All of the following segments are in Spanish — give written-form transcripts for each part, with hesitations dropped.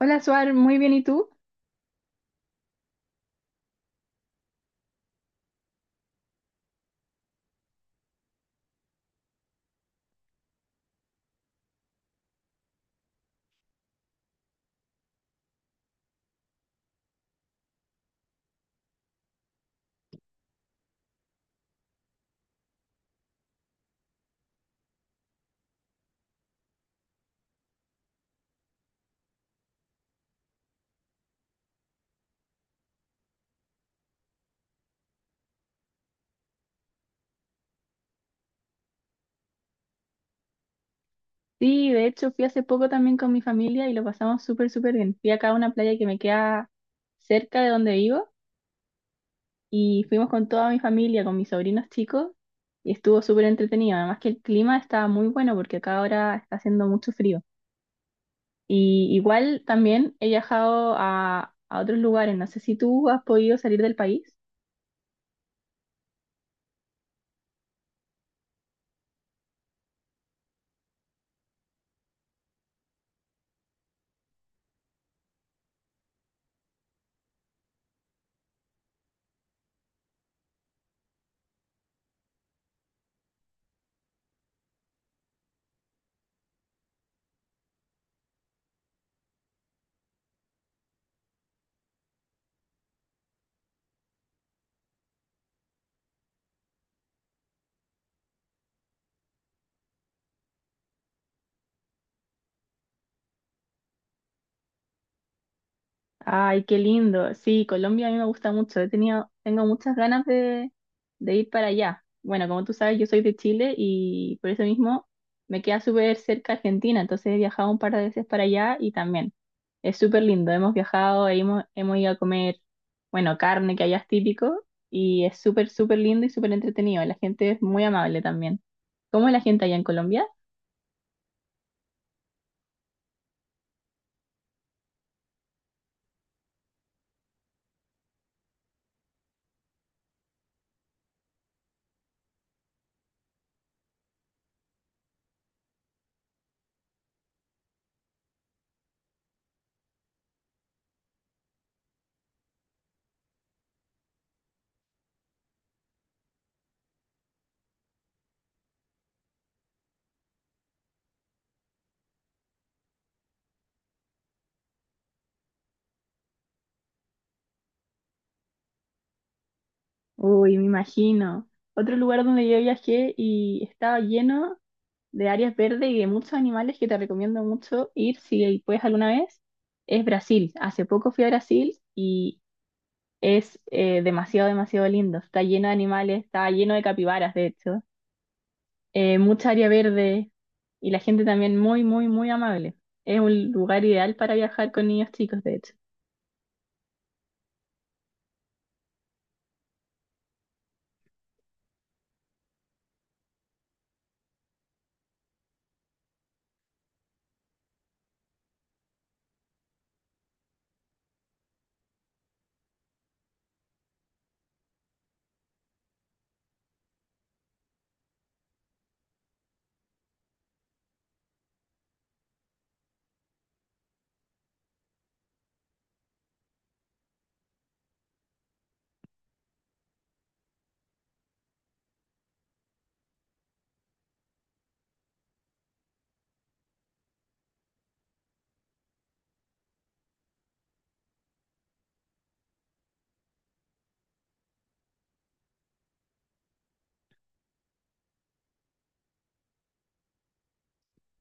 Hola, Suar, muy bien, ¿y tú? Sí, de hecho fui hace poco también con mi familia y lo pasamos súper, súper bien. Fui acá a una playa que me queda cerca de donde vivo y fuimos con toda mi familia, con mis sobrinos chicos y estuvo súper entretenido. Además que el clima está muy bueno porque acá ahora está haciendo mucho frío. Y igual también he viajado a otros lugares. No sé si tú has podido salir del país. Ay, qué lindo. Sí, Colombia a mí me gusta mucho. He tenido, tengo muchas ganas de ir para allá. Bueno, como tú sabes, yo soy de Chile y por eso mismo me queda súper cerca Argentina. Entonces he viajado un par de veces para allá y también es súper lindo. Hemos viajado, hemos ido a comer, bueno, carne que allá es típico y es súper, súper lindo y súper entretenido. La gente es muy amable también. ¿Cómo es la gente allá en Colombia? Uy, me imagino. Otro lugar donde yo viajé y estaba lleno de áreas verdes y de muchos animales que te recomiendo mucho ir si puedes alguna vez, es Brasil. Hace poco fui a Brasil y es demasiado, demasiado lindo. Está lleno de animales, está lleno de capibaras, de hecho. Mucha área verde y la gente también muy, muy, muy amable. Es un lugar ideal para viajar con niños chicos, de hecho.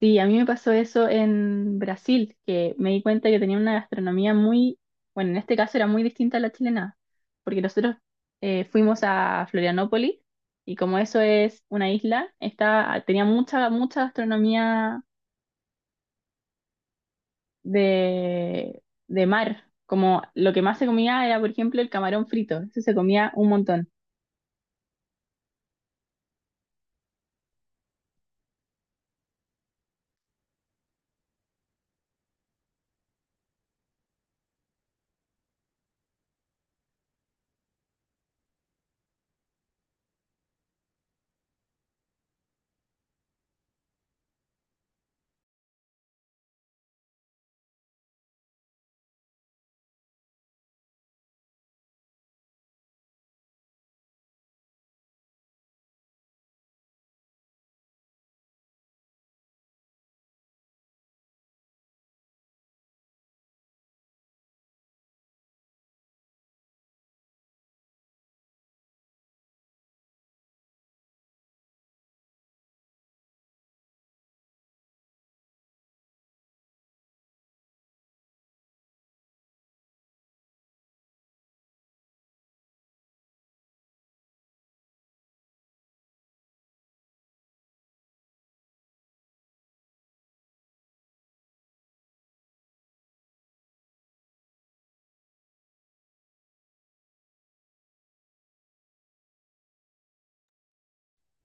Sí, a mí me pasó eso en Brasil, que me di cuenta que tenía una gastronomía muy, bueno, en este caso era muy distinta a la chilena, porque nosotros fuimos a Florianópolis y como eso es una isla, está, tenía mucha, mucha gastronomía de, de mar, como lo que más se comía era, por ejemplo, el camarón frito, eso se comía un montón.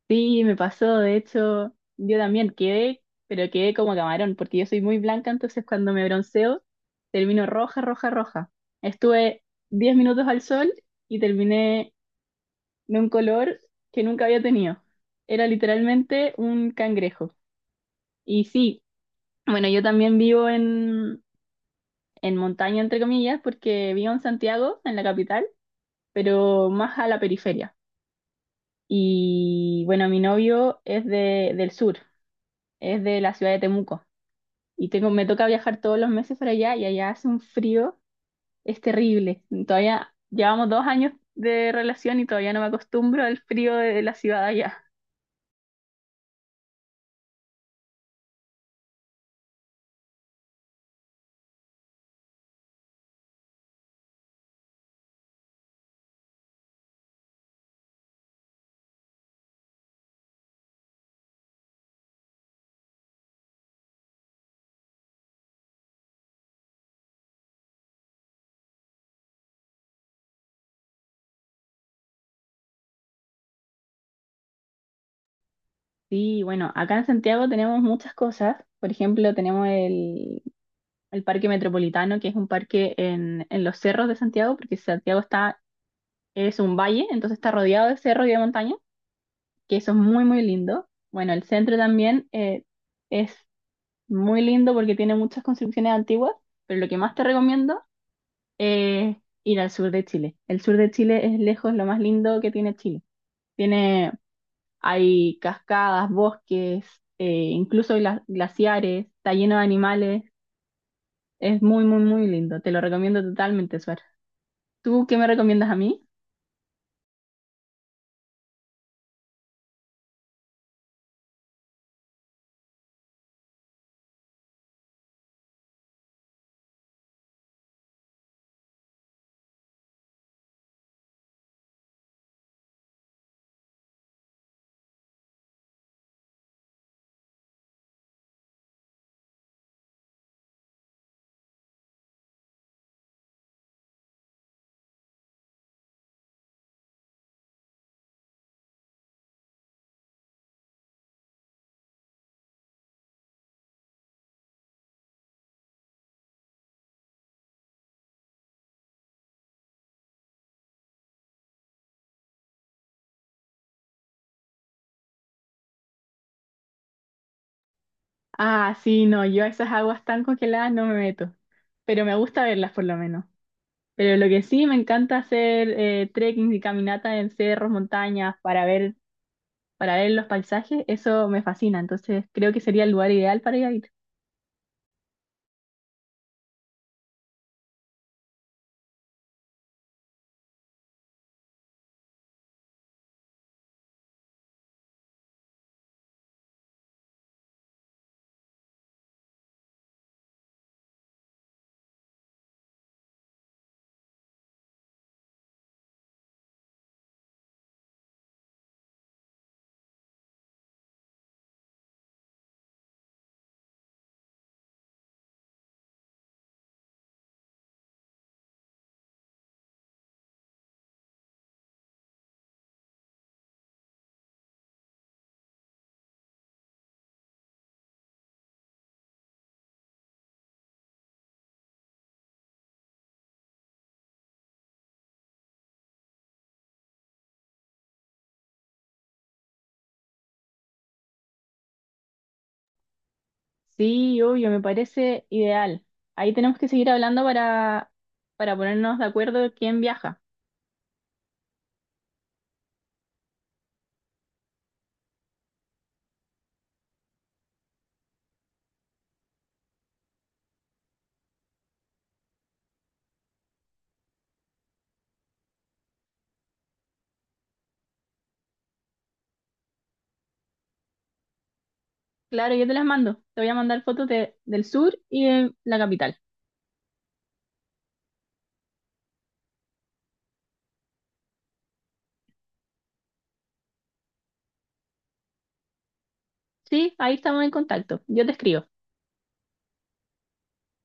Sí, me pasó, de hecho, yo también quedé, pero quedé como camarón, porque yo soy muy blanca, entonces cuando me bronceo, termino roja, roja, roja. Estuve 10 minutos al sol y terminé de un color que nunca había tenido. Era literalmente un cangrejo. Y sí, bueno, yo también vivo en montaña, entre comillas, porque vivo en Santiago, en la capital, pero más a la periferia. Y bueno, mi novio es del sur, es de la ciudad de Temuco. Y tengo, me toca viajar todos los meses para allá y allá hace un frío, es terrible. Todavía llevamos 2 años de relación y todavía no me acostumbro al frío de la ciudad allá. Sí, bueno, acá en Santiago tenemos muchas cosas. Por ejemplo, tenemos el Parque Metropolitano, que es un parque en los cerros de Santiago, porque Santiago está, es un valle, entonces está rodeado de cerros y de montañas, que eso es muy, muy lindo. Bueno, el centro también es muy lindo porque tiene muchas construcciones antiguas, pero lo que más te recomiendo ir al sur de Chile. El sur de Chile es lejos lo más lindo que tiene Chile. Tiene, hay cascadas, bosques, eh, incluso glaciares, está lleno de animales. Es muy, muy, muy lindo. Te lo recomiendo totalmente, Suar. ¿Tú qué me recomiendas a mí? Ah, sí, no, yo a esas aguas tan congeladas no me meto, pero me gusta verlas por lo menos. Pero lo que sí me encanta hacer trekking y caminata en cerros, montañas, para ver los paisajes, eso me fascina. Entonces creo que sería el lugar ideal para ir a vivir. Sí, obvio, me parece ideal. Ahí tenemos que seguir hablando para ponernos de acuerdo quién viaja. Claro, yo te las mando. Te voy a mandar fotos del sur y de la capital. Sí, ahí estamos en contacto. Yo te escribo.